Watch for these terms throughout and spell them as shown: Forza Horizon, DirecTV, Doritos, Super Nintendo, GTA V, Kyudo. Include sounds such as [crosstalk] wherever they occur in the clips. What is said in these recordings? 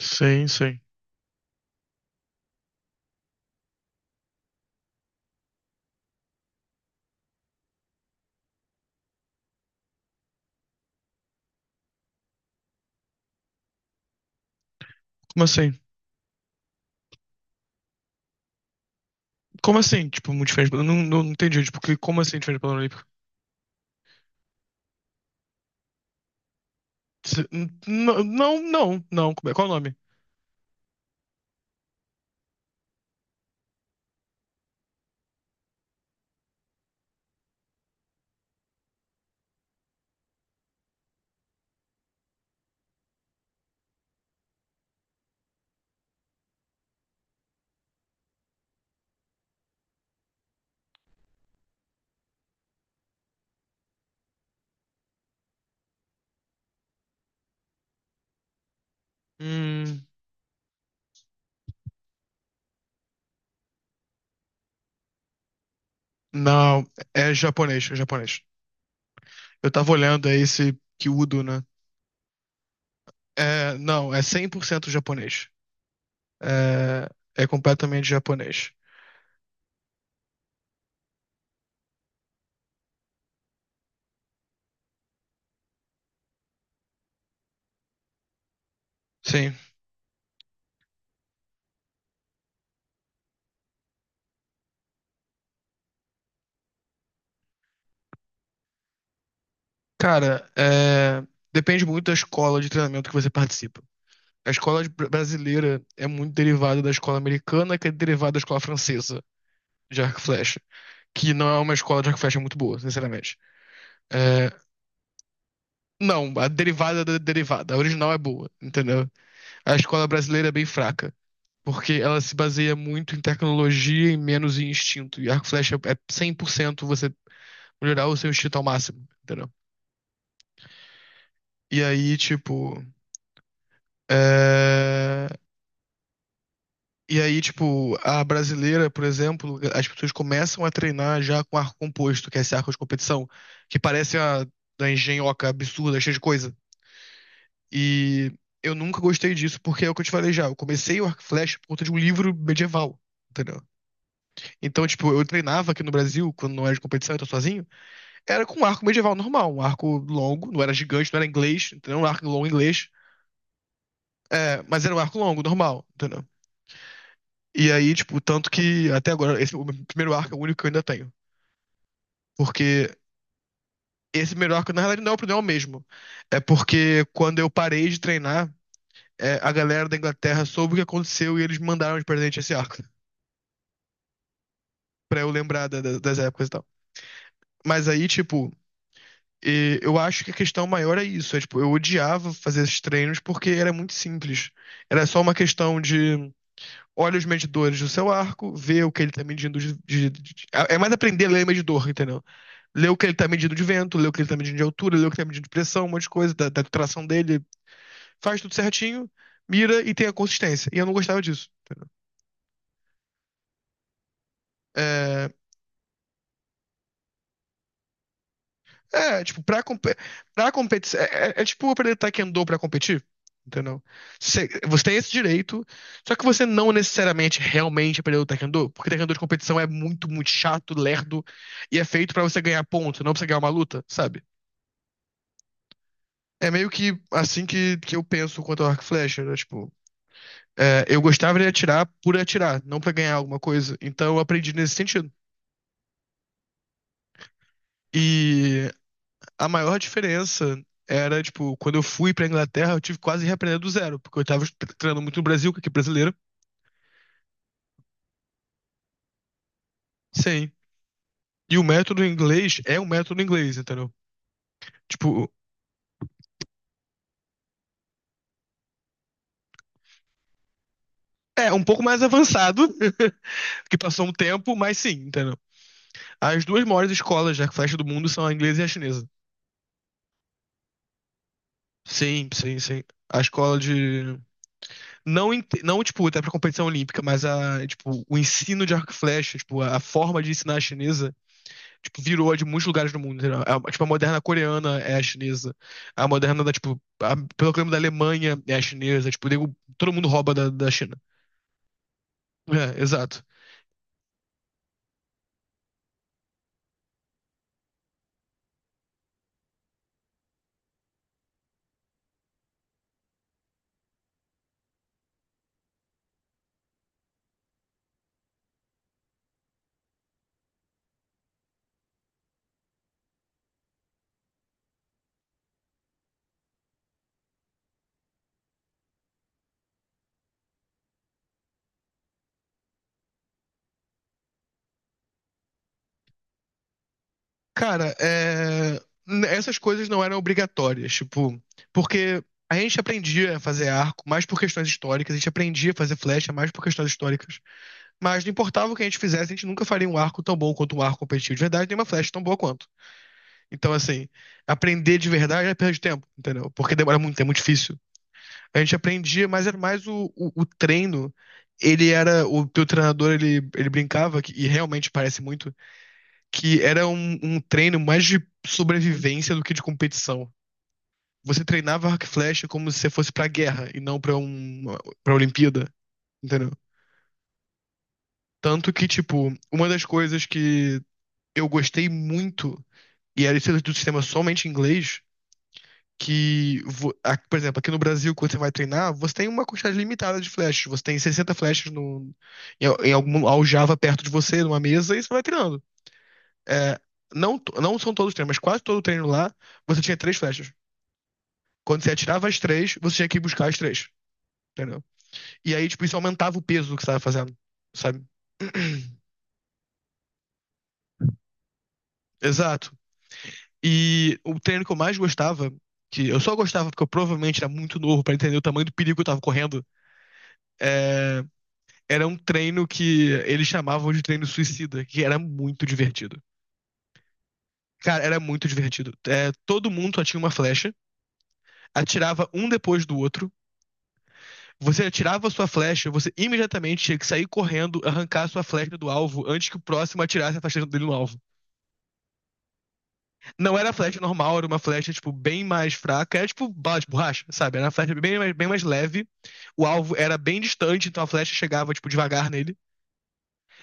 Sim, sim. Como assim? Como assim, tipo, muito diferente? Eu não entendi, tipo, como assim diferente do padrão olímpico? Não, não, não. Qual é o nome? Hum, não, é japonês, é japonês. Eu tava olhando, é esse Kyudo, né? É, não, é 100% japonês. É, é completamente japonês. Sim. Cara, depende muito da escola de treinamento que você participa. A escola brasileira é muito derivada da escola americana, que é derivada da escola francesa de arco e flecha, que não é uma escola de arco e flecha muito boa, sinceramente. É, não, a derivada da derivada, a original é boa, entendeu? A escola brasileira é bem fraca, porque ela se baseia muito em tecnologia e menos em instinto. E arco e flecha é 100% você melhorar o seu instinto ao máximo, entendeu? E aí, tipo. é, E aí, tipo, a brasileira, por exemplo, as pessoas começam a treinar já com arco composto, que é esse arco de competição, que parece a da engenhoca absurda, cheia de coisa. E eu nunca gostei disso, porque é o que eu te falei já. Eu comecei o arco e flecha por conta de um livro medieval, entendeu? Então, tipo, eu treinava aqui no Brasil, quando não era de competição, eu tô sozinho, era com um arco medieval normal, um arco longo, não era gigante, não era inglês, entendeu? Um arco longo inglês, mas era um arco longo, normal, entendeu? E aí, tipo, tanto que até agora, esse o meu primeiro arco é o único que eu ainda tenho. Porque esse primeiro arco, na realidade, não é o problema mesmo. É porque quando eu parei de treinar, a galera da Inglaterra soube o que aconteceu e eles me mandaram de presente esse arco. Pra eu lembrar das épocas e tal. Mas aí, tipo, eu acho que a questão maior é isso. É, tipo, eu odiava fazer esses treinos porque era muito simples. Era só uma questão de olha os medidores do seu arco, ver o que ele tá medindo de, é mais aprender a ler medidor, entendeu? Ler o que ele tá medindo de vento, ler o que ele tá medindo de altura, ler o que ele tá medindo de pressão, um monte de coisa, da tração dele. Faz tudo certinho, mira e tem a consistência. E eu não gostava disso, entendeu? É, É, tipo, pra competir. É tipo aprender taekwondo pra competir, entendeu? Você tem esse direito, só que você não necessariamente realmente aprendeu o taekwondo, porque taekwondo de competição é muito, muito chato, lerdo, e é feito pra você ganhar ponto, não pra você ganhar uma luta, sabe? É meio que assim que eu penso quanto ao arco e flecha, né? Tipo, eu gostava de atirar por atirar, não pra ganhar alguma coisa, então eu aprendi nesse sentido. E a maior diferença era, tipo, quando eu fui pra Inglaterra, eu tive quase que quase reaprender do zero, porque eu tava treinando muito no Brasil, que aqui é brasileiro. Sim. E o método inglês é um método inglês, entendeu? Tipo, é um pouco mais avançado, [laughs] que passou um tempo, mas sim, entendeu? As duas maiores escolas de arco-flecha do mundo são a inglesa e a chinesa. Sim, sim, sim. A escola de. Não, não tipo, até pra competição olímpica, mas a, tipo, o ensino de arco e flecha, tipo, a forma de ensinar a chinesa tipo, virou a de muitos lugares do mundo, entendeu? Tipo, a moderna coreana é a chinesa. A moderna da, tipo, a, pelo clima da Alemanha é a chinesa. Tipo, todo mundo rouba da China. É, exato. Cara, essas coisas não eram obrigatórias, tipo, porque a gente aprendia a fazer arco mais por questões históricas, a gente aprendia a fazer flecha mais por questões históricas. Mas não importava o que a gente fizesse, a gente nunca faria um arco tão bom quanto um arco competitivo de verdade, nem uma flecha tão boa quanto. Então, assim, aprender de verdade é perda de tempo, entendeu? Porque demora muito, é muito difícil. A gente aprendia, mas era mais o treino. Ele era. O teu treinador, ele brincava, e realmente parece muito, que era um treino mais de sobrevivência do que de competição. Você treinava arco e flecha como se você fosse pra guerra e não pra Olimpíada, entendeu? Tanto que, tipo, uma das coisas que eu gostei muito, e era isso do sistema somente em inglês, que, por exemplo, aqui no Brasil, quando você vai treinar, você tem uma quantidade limitada de flechas. Você tem 60 flechas no, em, al- em algum aljava perto de você, numa mesa, e você vai treinando. É, não, não são todos os treinos, mas quase todo treino lá, você tinha três flechas. Quando você atirava as três, você tinha que ir buscar as três, entendeu? E aí, tipo, isso aumentava o peso do que você estava fazendo, sabe? Exato. E o treino que eu mais gostava, que eu só gostava porque eu provavelmente era muito novo para entender o tamanho do perigo que eu tava correndo, é, era um treino que eles chamavam de treino suicida, que era muito divertido. Cara, era muito divertido. É, todo mundo só tinha uma flecha, atirava um depois do outro. Você atirava a sua flecha, você imediatamente tinha que sair correndo, arrancar a sua flecha do alvo antes que o próximo atirasse a flecha dele no alvo. Não era flecha normal, era uma flecha, tipo, bem mais fraca. Era tipo bala de borracha, sabe? Era uma flecha bem mais leve. O alvo era bem distante, então a flecha chegava, tipo, devagar nele.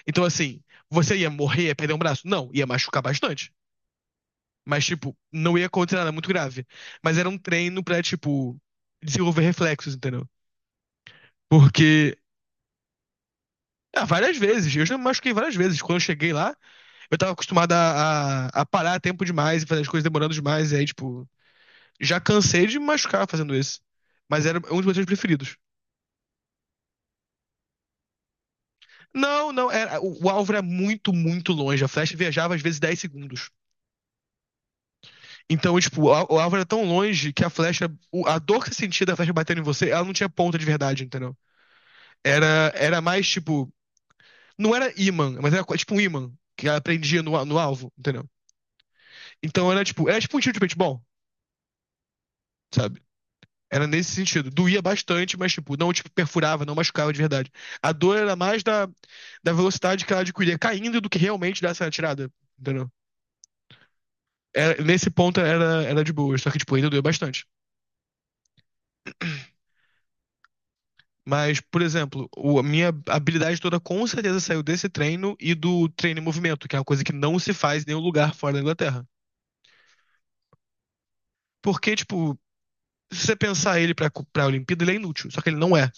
Então, assim, você ia morrer, ia perder um braço? Não, ia machucar bastante. Mas, tipo, não ia acontecer nada é muito grave. Mas era um treino pra, tipo, desenvolver reflexos, entendeu? Porque, várias vezes, eu já me machuquei várias vezes. Quando eu cheguei lá, eu tava acostumado a parar tempo demais e fazer as coisas demorando demais. E aí, tipo, já cansei de me machucar fazendo isso. Mas era um dos meus treinos preferidos. Não, não, era, o alvo era muito, muito longe. A flecha viajava às vezes 10 segundos. Então, tipo, o alvo era tão longe que a flecha, a dor que você sentia da flecha batendo em você, ela não tinha ponta de verdade, entendeu? era mais tipo. Não era imã, mas era tipo um imã que ela prendia no alvo, entendeu? Então era tipo um tiro de paintball, sabe? Era nesse sentido. Doía bastante, mas tipo, não tipo, perfurava, não machucava de verdade. A dor era mais da velocidade que ela adquiria caindo do que realmente dessa tirada, entendeu? Nesse ponto era de boa, só que tipo, ainda doía bastante. Mas, por exemplo, a minha habilidade toda com certeza saiu desse treino e do treino em movimento, que é uma coisa que não se faz em nenhum lugar fora da Inglaterra. Porque, tipo, se você pensar ele pra, pra Olimpíada, ele é inútil, só que ele não é.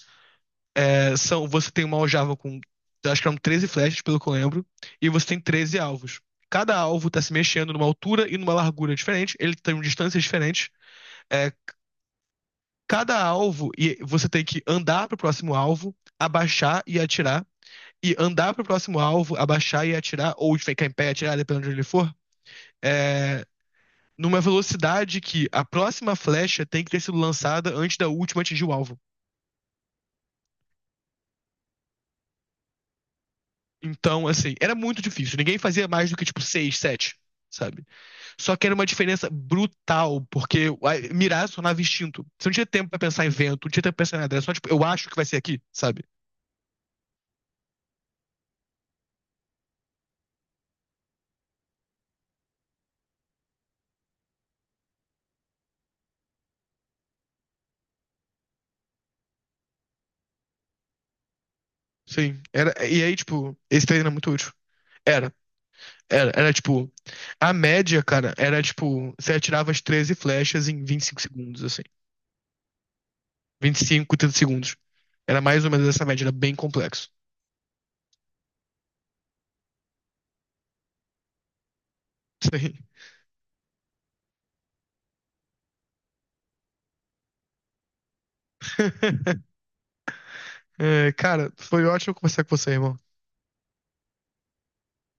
É, são, você tem uma aljava com, acho que eram 13 flechas, pelo que eu lembro, e você tem 13 alvos. Cada alvo tá se mexendo numa altura e numa largura diferente, ele tem distâncias diferentes. É, cada alvo, e você tem que andar pro próximo alvo, abaixar e atirar, e andar pro próximo alvo, abaixar e atirar, ou ficar em pé e atirar, dependendo de onde ele for, é, numa velocidade que a próxima flecha tem que ter sido lançada antes da última atingir o alvo. Então, assim, era muito difícil. Ninguém fazia mais do que, tipo, seis, sete, sabe? Só que era uma diferença brutal, porque mirar se tornava instinto. Você não tinha tempo pra pensar em vento, não tinha tempo pra pensar em nada. Era só, tipo, eu acho que vai ser aqui, sabe? Sim. Era, e aí, tipo, esse treino era muito útil. Era. Era tipo, a média, cara, era tipo, você atirava as 13 flechas em 25 segundos, assim. 25, 30 segundos. Era mais ou menos essa média, era bem complexo. Sim. [laughs] É, cara, foi ótimo conversar com você, irmão.